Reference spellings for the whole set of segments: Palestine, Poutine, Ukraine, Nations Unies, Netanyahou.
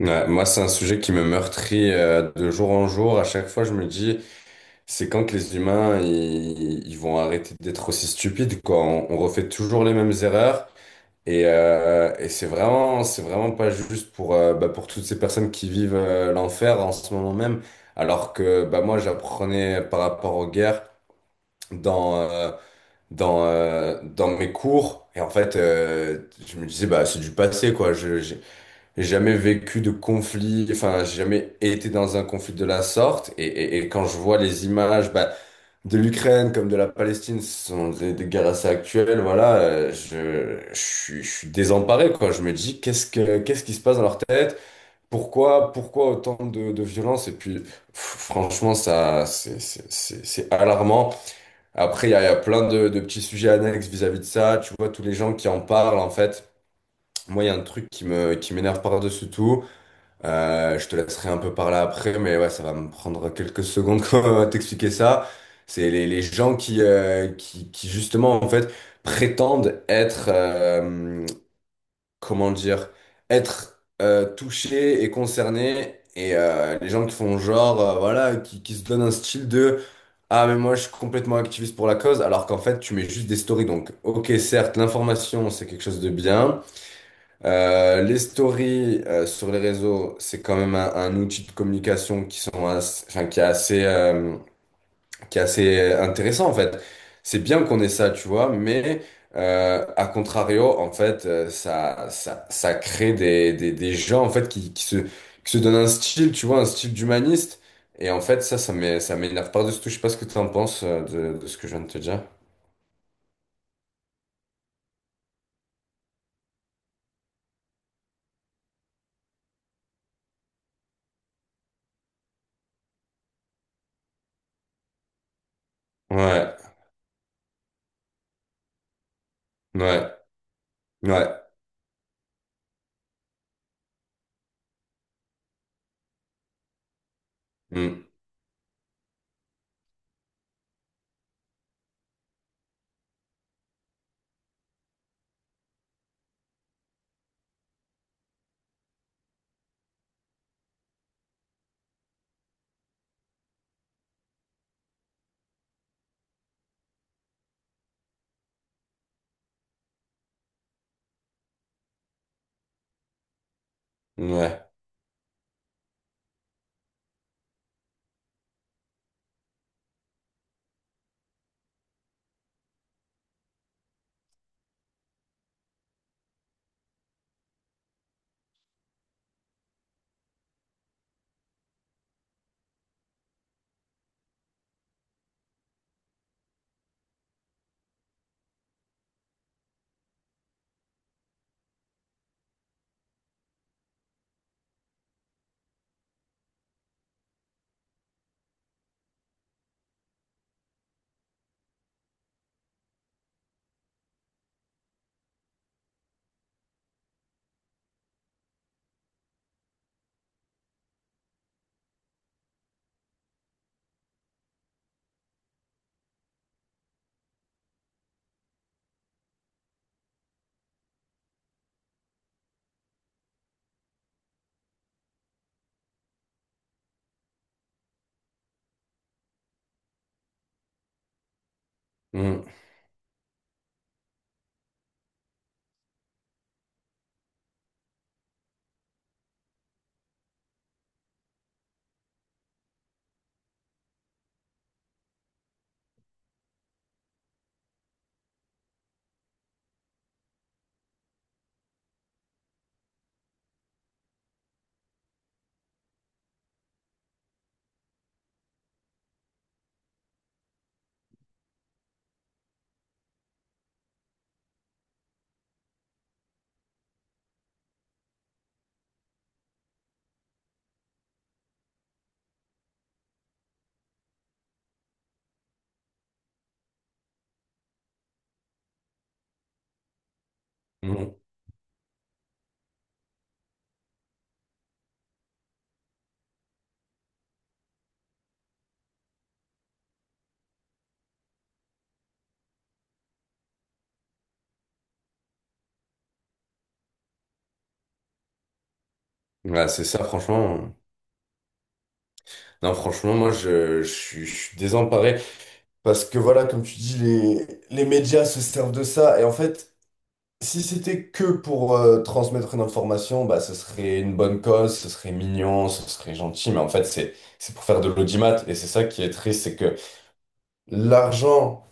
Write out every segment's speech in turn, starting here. Ouais, moi, c'est un sujet qui me meurtrit de jour en jour. À chaque fois, je me dis, c'est quand que les humains, ils vont arrêter d'être aussi stupides, quoi. On refait toujours les mêmes erreurs. Et c'est vraiment pas juste pour, bah, pour toutes ces personnes qui vivent l'enfer en ce moment même. Alors que bah, moi, j'apprenais par rapport aux guerres dans, euh, dans mes cours. Et en fait, je me disais, bah, c'est du passé, quoi. J'ai jamais vécu de conflit, enfin, j'ai jamais été dans un conflit de la sorte. Et quand je vois les images bah, de l'Ukraine comme de la Palestine, ce sont des guerres assez actuelles, voilà, je suis désemparé, quoi. Je me dis, qu'est-ce qui se passe dans leur tête? Pourquoi, pourquoi autant de violence? Et puis, pff, franchement, ça, c'est alarmant. Après, il y a plein de petits sujets annexes vis-à-vis de ça. Tu vois, tous les gens qui en parlent, en fait. Moi, il y a un truc qui m'énerve par-dessus tout. Je te laisserai un peu parler après, mais ouais, ça va me prendre quelques secondes quand on va t'expliquer ça. C'est les gens qui, justement, en fait, prétendent être, comment dire, être touchés et concernés. Et les gens qui font genre, voilà, qui se donnent un style de «Ah, mais moi, je suis complètement activiste pour la cause», alors qu'en fait, tu mets juste des stories. Donc, ok, certes, l'information, c'est quelque chose de bien, les stories sur les réseaux, c'est quand même un outil de communication qui sont as- enfin, qui est assez intéressant en fait. C'est bien qu'on ait ça, tu vois, mais à contrario, en fait, ça crée des gens en fait qui se donnent un style, tu vois, un style d'humaniste. Et en fait, ça m'énerve par-dessus tout. Je sais pas ce que tu en penses de ce que je viens de te dire. Ouais, ouais, ouais. Mm. Ouais. Mm. Ouais, c'est ça, franchement. Non, franchement, moi, je suis désemparé. Parce que voilà, comme tu dis, les médias se servent de ça. Et en fait, si c'était que pour transmettre une information, bah, ce serait une bonne cause, ce serait mignon, ce serait gentil. Mais en fait, c'est pour faire de l'audimat. Et c'est ça qui est triste, c'est que l'argent...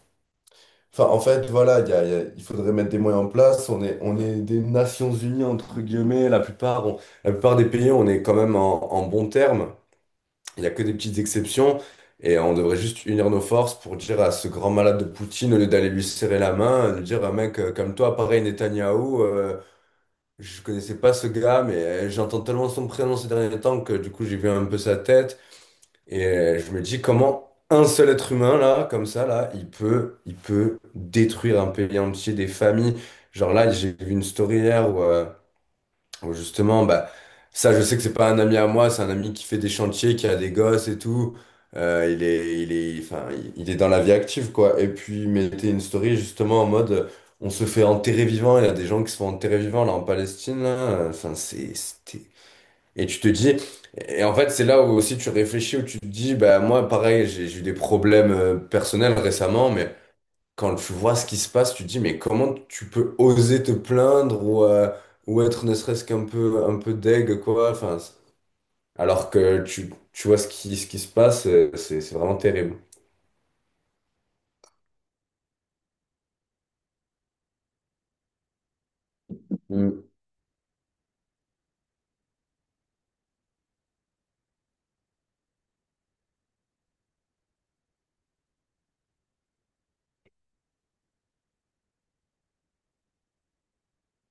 Enfin, en fait, voilà, il faudrait mettre des moyens en place. On est des Nations Unies, entre guillemets. La plupart des pays, on est quand même en, en bon terme. Il n'y a que des petites exceptions. Et on devrait juste unir nos forces pour dire à ce grand malade de Poutine, au lieu d'aller lui serrer la main, de dire, ah, mec, comme toi, pareil, Netanyahou, je connaissais pas ce gars, mais j'entends tellement son prénom ces derniers temps que du coup, j'ai vu un peu sa tête. Et je me dis, comment un seul être humain, là, comme ça, là, il peut détruire un pays entier, des familles. Genre là, j'ai vu une story hier où... Bon, justement, bah, ça, je sais que c'est pas un ami à moi, c'est un ami qui fait des chantiers, qui a des gosses et tout. Il est, enfin, il est dans la vie active, quoi. Et puis, il mettait une story justement en mode, on se fait enterrer vivant. Il y a des gens qui se font enterrer vivant là en Palestine, là. Enfin, c'est, c'était. Et tu te dis, et en fait, c'est là où aussi tu réfléchis, où tu te dis, bah moi, pareil, j'ai eu des problèmes personnels récemment, mais quand tu vois ce qui se passe, tu te dis, mais comment tu peux oser te plaindre ou être ne serait-ce qu'un peu, un peu deg, quoi. Alors que tu vois ce qui se passe, c'est vraiment terrible. Mm.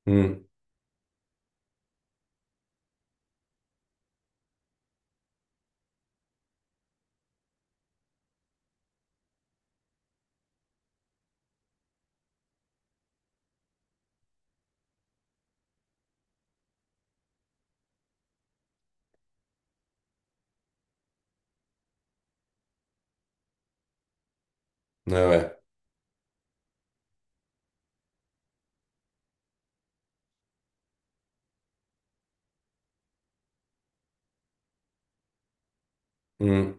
Mm. Ouais, ouais. Mm.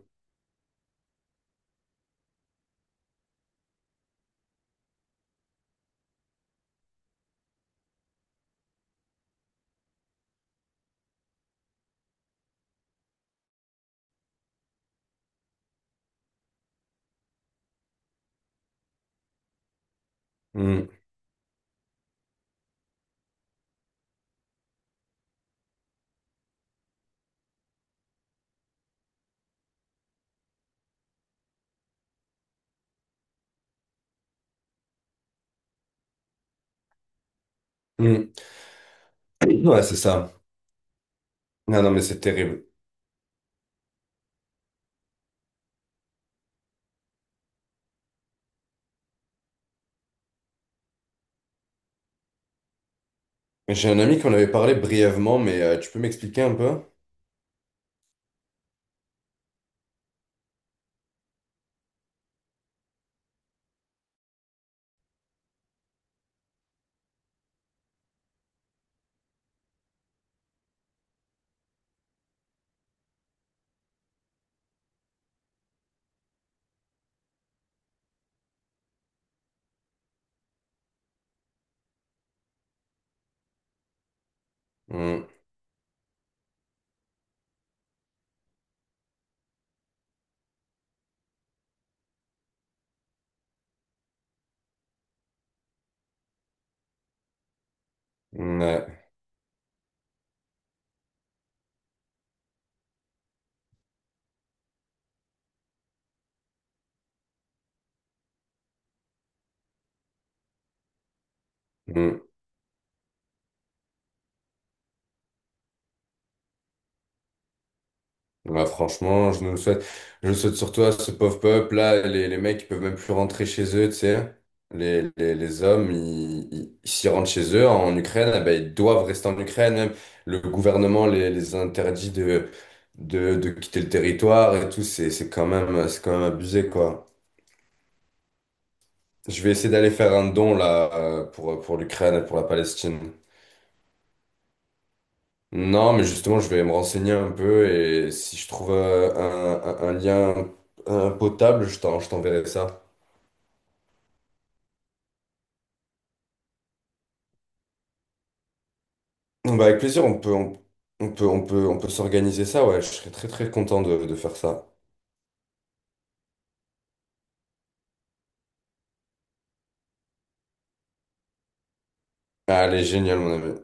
Mm. Mm. Ouais, c'est ça. Non, non, mais c'est terrible. J'ai un ami qu'on avait parlé brièvement, mais tu peux m'expliquer un peu? Mm. Ouais. Mm. Bah franchement, je nous le souhaite. Je le souhaite surtout à ce pauvre peuple là, les mecs ils peuvent même plus rentrer chez eux, tu sais. Les hommes, s'ils rentrent chez eux en Ukraine, eh ben, ils doivent rester en Ukraine. Même le gouvernement les interdit de de quitter le territoire et tout. C'est quand même abusé, quoi. Je vais essayer d'aller faire un don là pour l'Ukraine et pour la Palestine. Non, mais justement, je vais me renseigner un peu et si je trouve un lien potable, je t'enverrai ça. Bah, avec plaisir, on peut s'organiser ça, ouais, je serais très très content de faire ça. Allez, génial, mon ami.